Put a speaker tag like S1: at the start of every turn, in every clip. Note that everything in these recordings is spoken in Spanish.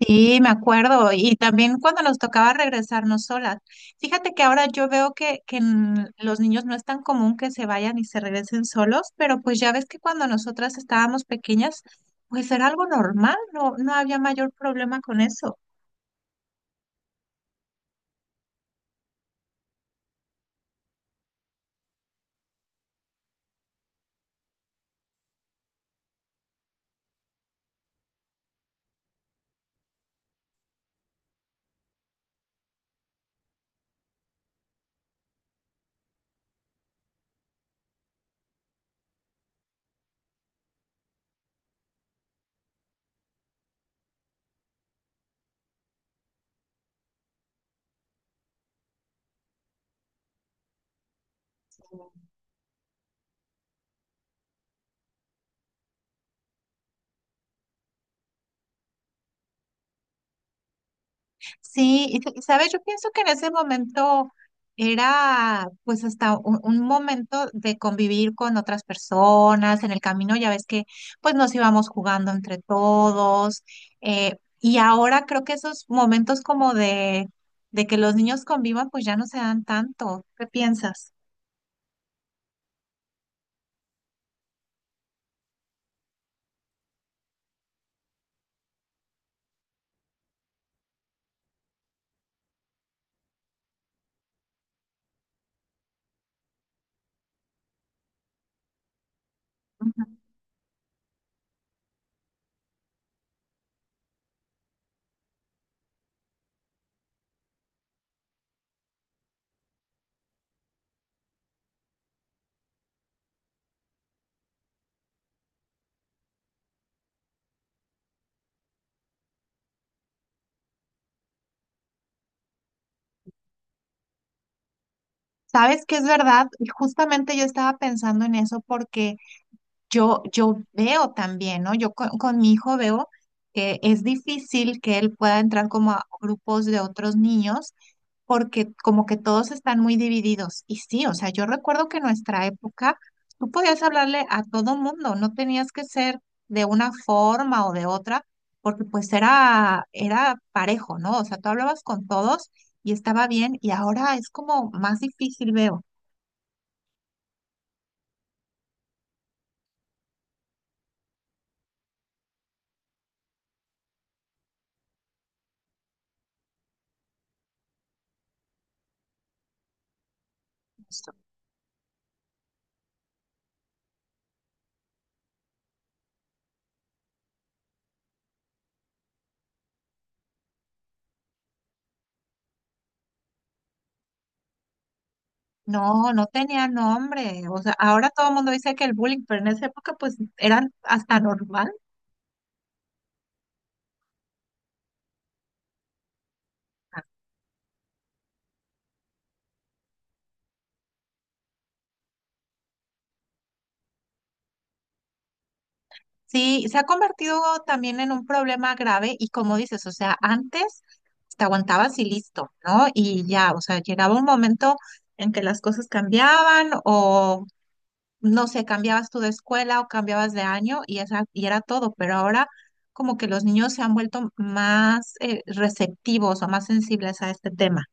S1: Sí, me acuerdo. Y también cuando nos tocaba regresarnos solas. Fíjate que ahora yo veo que en los niños no es tan común que se vayan y se regresen solos, pero pues ya ves que cuando nosotras estábamos pequeñas, pues era algo normal, no había mayor problema con eso. Sí, y sabes, yo pienso que en ese momento era pues hasta un momento de convivir con otras personas en el camino. Ya ves que pues nos íbamos jugando entre todos, y ahora creo que esos momentos como de que los niños convivan pues ya no se dan tanto. ¿Qué piensas? Ujú. Sabes que es verdad, y justamente yo estaba pensando en eso porque yo veo también, ¿no? Yo con mi hijo veo que es difícil que él pueda entrar como a grupos de otros niños porque como que todos están muy divididos. Y sí, o sea, yo recuerdo que en nuestra época tú podías hablarle a todo mundo, no tenías que ser de una forma o de otra, porque pues era parejo, ¿no? O sea, tú hablabas con todos y estaba bien, y ahora es como más difícil, veo. No, no tenía nombre. O sea, ahora todo el mundo dice que el bullying, pero en esa época pues eran hasta normal. Sí, se ha convertido también en un problema grave, y como dices, o sea, antes te aguantabas y listo, ¿no? Y ya, o sea, llegaba un momento en que las cosas cambiaban o no sé, cambiabas tú de escuela o cambiabas de año, y esa y era todo, pero ahora como que los niños se han vuelto más receptivos o más sensibles a este tema.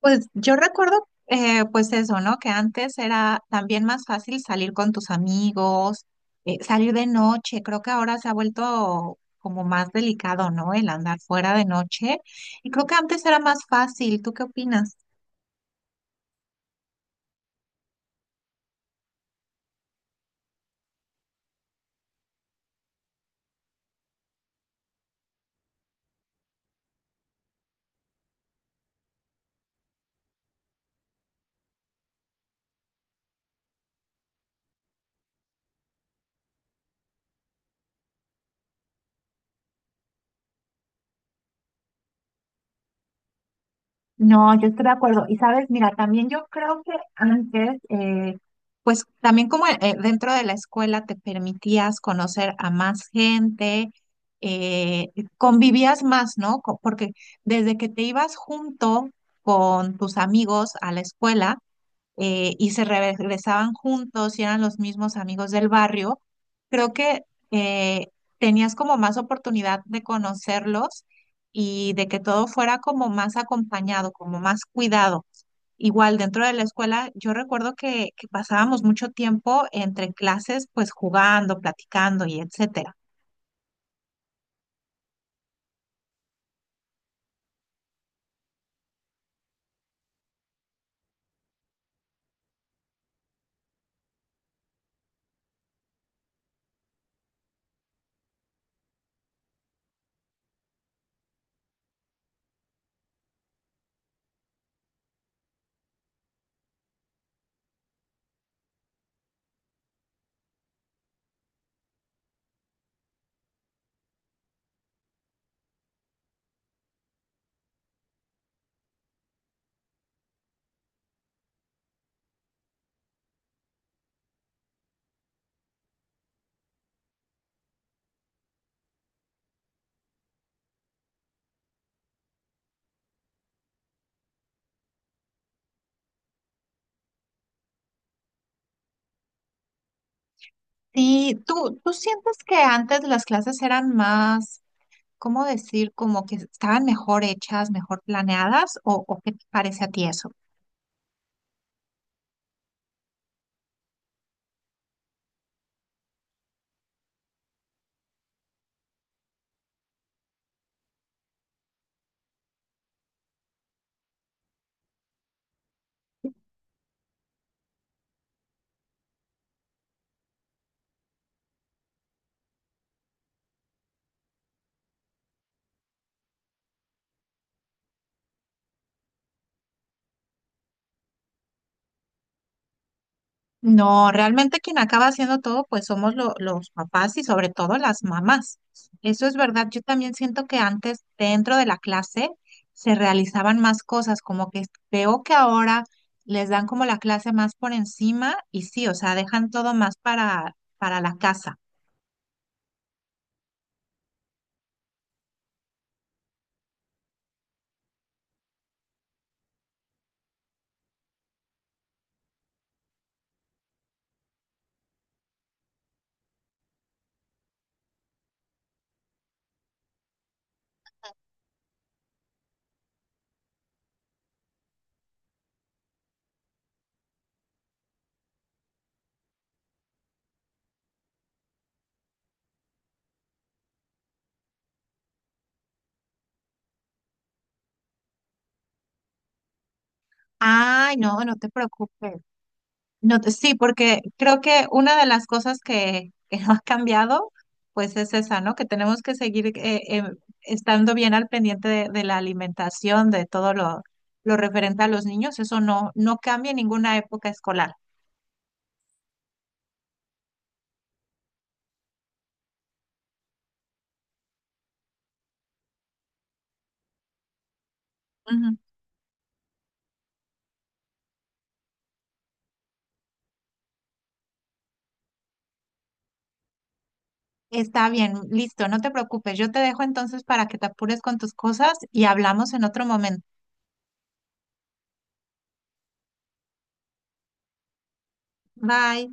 S1: Pues yo recuerdo, pues eso, ¿no? Que antes era también más fácil salir con tus amigos, salir de noche. Creo que ahora se ha vuelto como más delicado, ¿no? El andar fuera de noche. Y creo que antes era más fácil. ¿Tú qué opinas? No, yo estoy de acuerdo. Y sabes, mira, también yo creo que antes, pues también como dentro de la escuela te permitías conocer a más gente, eh, convivías más, ¿no? Porque desde que te ibas junto con tus amigos a la escuela, y se regresaban juntos y eran los mismos amigos del barrio, creo que eh, tenías como más oportunidad de conocerlos y de que todo fuera como más acompañado, como más cuidado. Igual dentro de la escuela, yo recuerdo que pasábamos mucho tiempo entre clases, pues jugando, platicando y etcétera. Sí, tú sientes que antes las clases eran más, ¿cómo decir? Como que estaban mejor hechas, mejor planeadas, o qué te parece a ti eso? No, realmente quien acaba haciendo todo, pues somos los papás y sobre todo las mamás. Eso es verdad. Yo también siento que antes dentro de la clase se realizaban más cosas, como que veo que ahora les dan como la clase más por encima y sí, o sea, dejan todo más para la casa. Ay, no, no te preocupes. No, sí, porque creo que una de las cosas que no ha cambiado, pues es esa, ¿no? Que tenemos que seguir estando bien al pendiente de la alimentación, de todo lo referente a los niños. Eso no, no cambia en ninguna época escolar. Ujú. Está bien, listo, no te preocupes. Yo te dejo entonces para que te apures con tus cosas y hablamos en otro momento. Bye.